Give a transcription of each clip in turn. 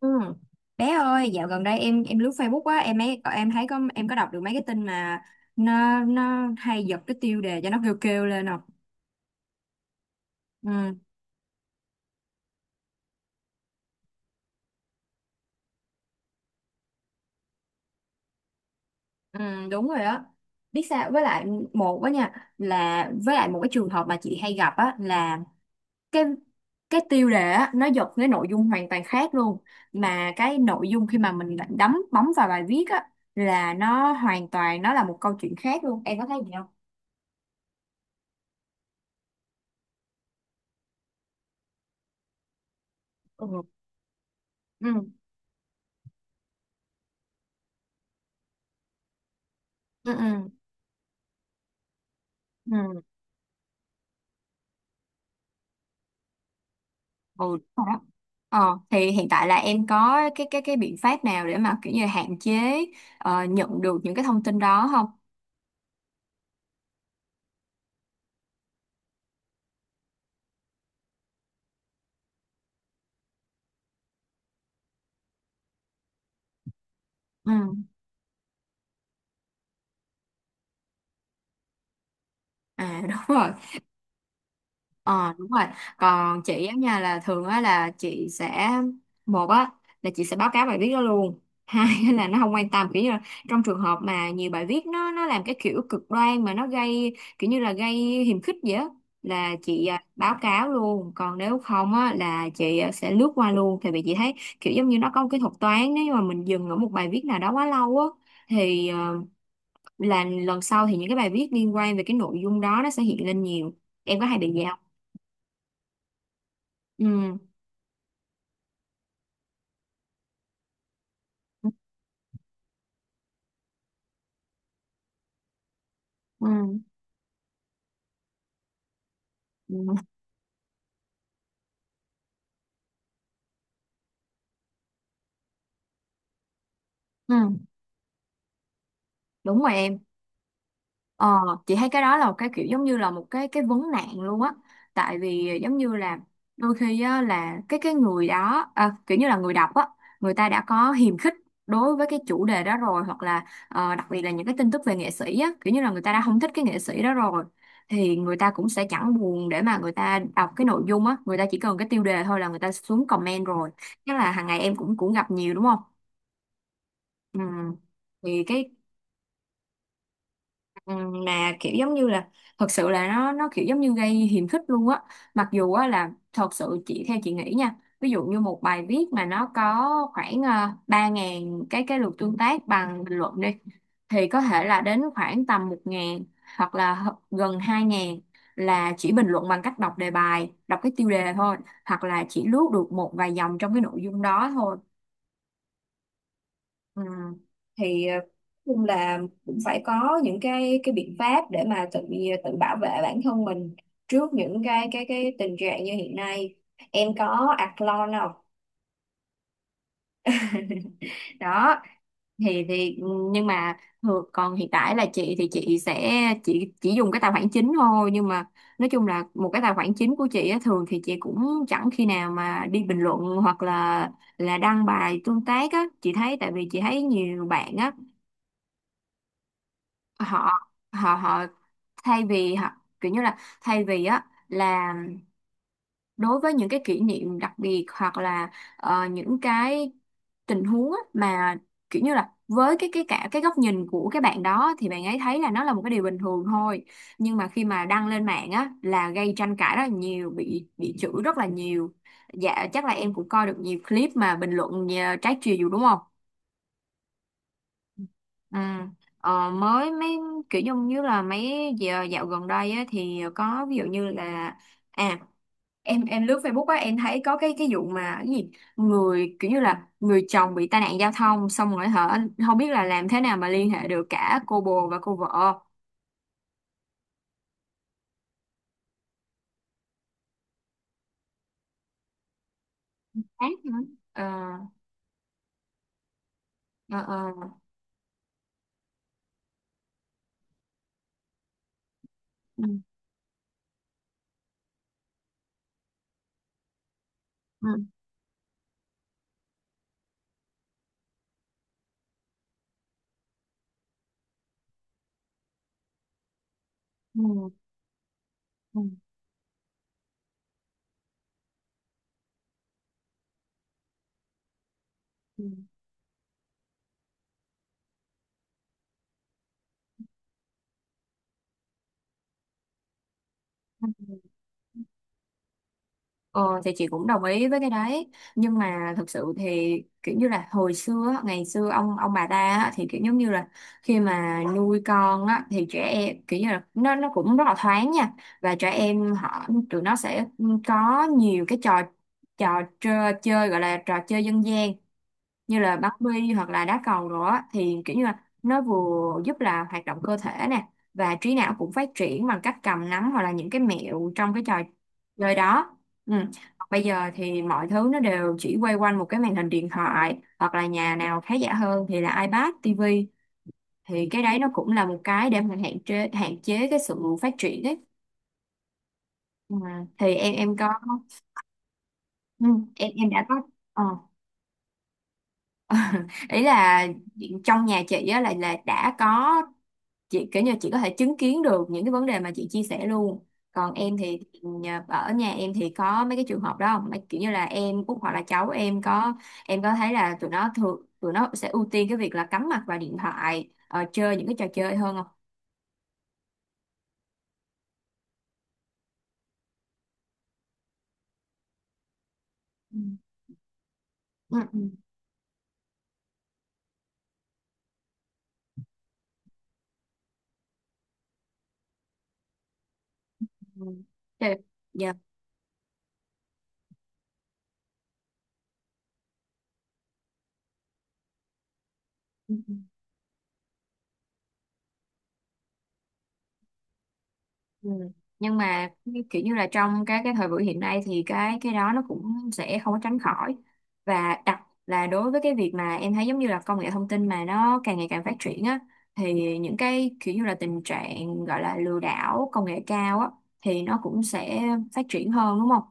Ừ. Bé ơi, dạo gần đây em lướt Facebook á, em ấy em thấy có đọc được mấy cái tin mà nó hay giật cái tiêu đề cho nó kêu kêu lên không? Ừ, ừ, đúng rồi á. Biết sao một á nha với lại một cái trường hợp mà chị hay gặp á là cái cái tiêu đề á nó giật cái nội dung hoàn toàn khác luôn, mà cái nội dung khi mà mình lại bấm vào bài viết á là nó hoàn toàn, nó là một câu chuyện khác luôn. Em có thấy gì không? Ừ. Ừ. Ừ. Ừ. Ừ, đúng rồi đó. Ờ, thì hiện tại là em có cái biện pháp nào để mà kiểu như hạn chế, nhận được những cái thông tin đó không? Ừ. À đúng rồi. Ờ đúng rồi. Còn chị á nha là thường á là chị sẽ một á là chị sẽ báo cáo bài viết đó luôn. Hai á là nó không quan tâm, kiểu như là trong trường hợp mà nhiều bài viết nó làm cái kiểu cực đoan mà nó gây kiểu như là gây hiềm khích vậy á là chị báo cáo luôn. Còn nếu không á là chị sẽ lướt qua luôn, tại vì chị thấy kiểu giống như nó có một cái thuật toán, nếu như mà mình dừng ở một bài viết nào đó quá lâu á thì là lần sau thì những cái bài viết liên quan về cái nội dung đó nó sẽ hiện lên nhiều. Em có hay bị vậy không? Ừ. Ừ, ừ, ừ, đúng rồi em. ờ, chị thấy cái đó là một cái kiểu giống như là một cái vấn nạn luôn á, tại vì giống như là đôi khi á, là cái người đó kiểu như là người đọc á, người ta đã có hiềm khích đối với cái chủ đề đó rồi, hoặc là đặc biệt là những cái tin tức về nghệ sĩ á, kiểu như là người ta đã không thích cái nghệ sĩ đó rồi thì người ta cũng sẽ chẳng buồn để mà người ta đọc cái nội dung á, người ta chỉ cần cái tiêu đề thôi là người ta xuống comment rồi. Chắc là hàng ngày em cũng cũng gặp nhiều đúng không. Ừ thì cái, Ừ, mà kiểu giống như là thật sự là nó kiểu giống như gây hiềm khích luôn á, mặc dù á là thật sự chị, theo chị nghĩ nha, ví dụ như một bài viết mà nó có khoảng 3.000 cái lượt tương tác bằng bình luận đi, thì có thể là đến khoảng tầm 1.000 hoặc là gần 2.000 là chỉ bình luận bằng cách đọc đề bài, đọc cái tiêu đề thôi, hoặc là chỉ lướt được một vài dòng trong cái nội dung đó thôi. À, thì chung là cũng phải có những cái biện pháp để mà tự, tự bảo vệ bản thân mình trước những cái tình trạng như hiện nay. Em có Athlon không? Đó thì nhưng mà thường, còn hiện tại là chị thì chị chỉ dùng cái tài khoản chính thôi, nhưng mà nói chung là một cái tài khoản chính của chị á, thường thì chị cũng chẳng khi nào mà đi bình luận hoặc là đăng bài tương tác á, chị thấy. Tại vì chị thấy nhiều bạn á, họ họ họ thay vì hoặc kiểu như là, thay vì á là đối với những cái kỷ niệm đặc biệt hoặc là những cái tình huống á, mà kiểu như là với cái cả cái góc nhìn của cái bạn đó thì bạn ấy thấy là nó là một cái điều bình thường thôi, nhưng mà khi mà đăng lên mạng á là gây tranh cãi rất là nhiều, bị chửi rất là nhiều. Dạ chắc là em cũng coi được nhiều clip mà bình luận trái chiều đúng không. Ừ. Ờ, mới mấy kiểu giống như là mấy giờ dạo gần đây á, thì có ví dụ như là à em lướt Facebook á, em thấy có cái vụ mà cái gì, người kiểu như là người chồng bị tai nạn giao thông xong rồi hả, không biết là làm thế nào mà liên hệ được cả cô bồ và cô vợ. Ác hả? ờ ờ. Ừ. Ừ. Ừ. Ừ. Ừ. Ừ. Ờ, thì chị cũng đồng ý với cái đấy, nhưng mà thực sự thì kiểu như là hồi xưa á, ngày xưa ông bà ta á, thì kiểu giống như là khi mà nuôi con á, thì trẻ em kiểu như là nó cũng rất là thoáng nha, và trẻ em, họ, tụi nó sẽ có nhiều cái trò, chơi, gọi là trò chơi dân gian, như là bắn bi hoặc là đá cầu đó, thì kiểu như là nó vừa giúp là hoạt động cơ thể nè, và trí não cũng phát triển bằng cách cầm nắm hoặc là những cái mẹo trong cái trò chơi đó. Ừ. Bây giờ thì mọi thứ nó đều chỉ quay quanh một cái màn hình điện thoại, hoặc là nhà nào khá giả hơn thì là iPad, TV, thì cái đấy nó cũng là một cái để mình hạn chế cái sự phát triển ấy. Ừ. Thì em có, ừ, em đã có, ờ. Ý là trong nhà chị á là đã có, chị kiểu như chị có thể chứng kiến được những cái vấn đề mà chị chia sẻ luôn. Còn em thì ở nhà em thì có mấy cái trường hợp đó không? Kiểu như là em út hoặc là cháu em có, em có thấy là tụi nó sẽ ưu tiên cái việc là cắm mặt vào điện thoại, chơi những cái trò chơi hơn không? Ừ. Ừ. Ừ. Ừ. Dạ. Ừ. Nhưng mà kiểu như là trong cái thời buổi hiện nay thì cái đó nó cũng sẽ không có tránh khỏi, và là đối với cái việc mà em thấy giống như là công nghệ thông tin mà nó càng ngày càng phát triển á, thì những cái kiểu như là tình trạng gọi là lừa đảo công nghệ cao á thì nó cũng sẽ phát triển hơn đúng không?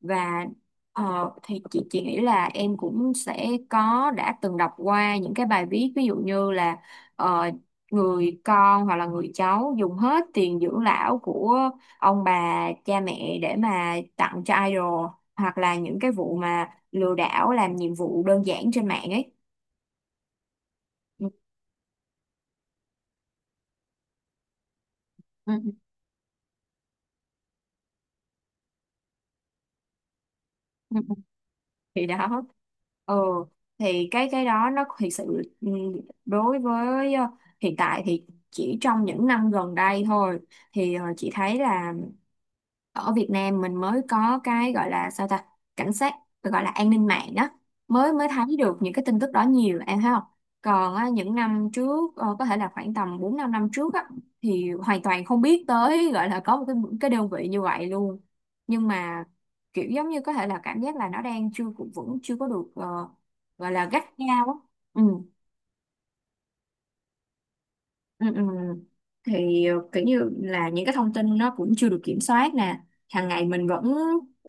Và thì chị nghĩ là em cũng sẽ có, đã từng đọc qua những cái bài viết ví dụ như là ờ, người con hoặc là người cháu dùng hết tiền dưỡng lão của ông bà cha mẹ để mà tặng cho idol, hoặc là những cái vụ mà lừa đảo làm nhiệm vụ đơn giản trên mạng ấy. Ừ, ừ, ừ. Thì đó, ừ thì cái đó nó thực sự, ừ, đối với hiện tại thì chỉ trong những năm gần đây thôi thì chị thấy là ở Việt Nam mình mới có cái gọi là sao ta, cảnh sát, gọi là an ninh mạng đó, mới mới thấy được những cái tin tức đó nhiều em thấy không. Còn á, những năm trước có thể là khoảng tầm 4 5 năm trước á, thì hoàn toàn không biết tới, gọi là có một cái đơn vị như vậy luôn, nhưng mà kiểu giống như có thể là cảm giác là nó đang chưa cũng vững, chưa có được gọi là gắt gao á. Ừ. Ừ, ừ. Thì kiểu như là những cái thông tin nó cũng chưa được kiểm soát nè, hàng ngày mình vẫn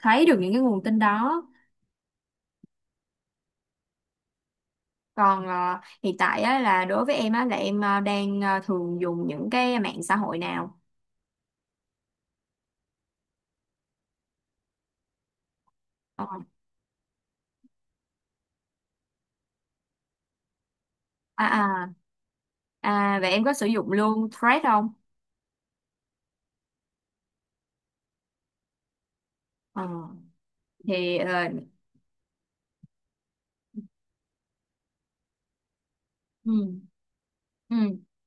thấy được những cái nguồn tin đó. Còn hiện tại á, là đối với em á là em đang thường dùng những cái mạng xã hội nào? Ờ, à à à vậy em có sử dụng luôn Thread không? Ờ, thì Ừ. Ừ.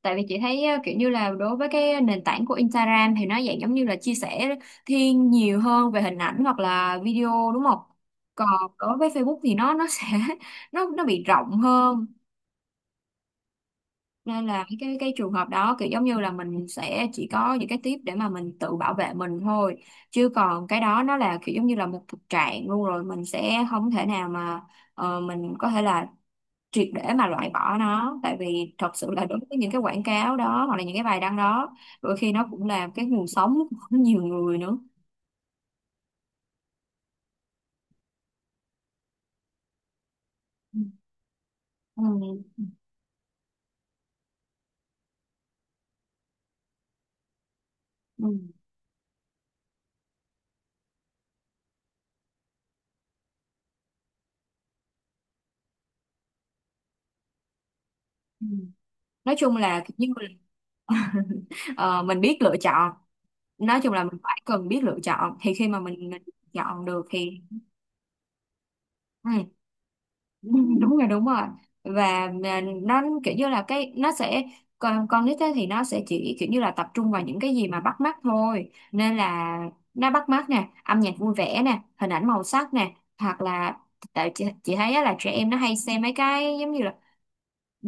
Tại vì chị thấy kiểu như là đối với cái nền tảng của Instagram thì nó dạng giống như là chia sẻ thiên nhiều hơn về hình ảnh hoặc là video đúng không? Còn đối với Facebook thì nó sẽ nó bị rộng hơn, nên là cái trường hợp đó kiểu giống như là mình sẽ chỉ có những cái tip để mà mình tự bảo vệ mình thôi, chứ còn cái đó nó là kiểu giống như là một thực trạng luôn rồi, mình sẽ không thể nào mà mình có thể là triệt để mà loại bỏ nó, tại vì thật sự là đối với những cái quảng cáo đó hoặc là những cái bài đăng đó, đôi khi nó cũng là cái nguồn sống của nhiều người nữa. Ừ. Ừ. Ừ. Ừ. Nói chung là kiểu như là ờ, mình biết lựa chọn, nói chung là mình phải cần biết lựa chọn, thì khi mà mình chọn được thì, ừ. Ừ, đúng rồi đúng rồi, và mà nó kiểu như là cái nó sẽ, con nít ấy thì nó sẽ chỉ kiểu như là tập trung vào những cái gì mà bắt mắt thôi, nên là nó bắt mắt nè, âm nhạc vui vẻ nè, hình ảnh màu sắc nè, hoặc là tại chị thấy á là trẻ em nó hay xem mấy cái giống như là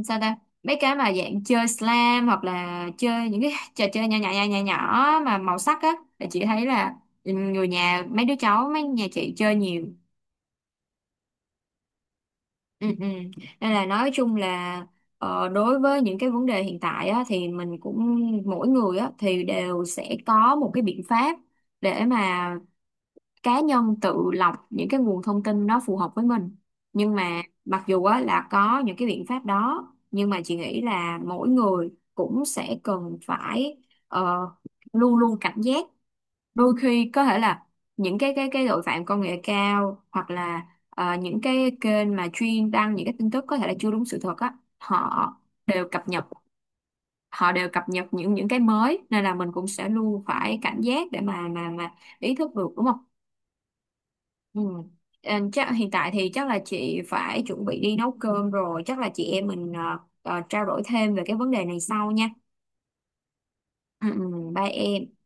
sao ta, mấy cái mà dạng chơi slam hoặc là chơi những cái trò chơi nhỏ nhỏ nhỏ nhỏ nhỏ mà màu sắc á, thì chị thấy là, ừ, người nhà mấy đứa cháu mấy nhà chị chơi nhiều. Ừ, ừ. Nên là nói chung là đối với những cái vấn đề hiện tại á, thì mình cũng, mỗi người á, thì đều sẽ có một cái biện pháp để mà cá nhân tự lọc những cái nguồn thông tin nó phù hợp với mình. Nhưng mà mặc dù á, là có những cái biện pháp đó nhưng mà chị nghĩ là mỗi người cũng sẽ cần phải ờ, luôn luôn cảnh giác, đôi khi có thể là những cái tội phạm công nghệ cao hoặc là những cái kênh mà chuyên đăng những cái tin tức có thể là chưa đúng sự thật á, họ đều cập nhật, họ đều cập nhật những cái mới, nên là mình cũng sẽ luôn phải cảnh giác để mà mà ý thức được đúng không? Ừ. Ờ, chắc hiện tại thì chắc là chị phải chuẩn bị đi nấu cơm rồi, chắc là chị em mình trao đổi thêm về cái vấn đề này sau nha. Ừ, ừ, bye em.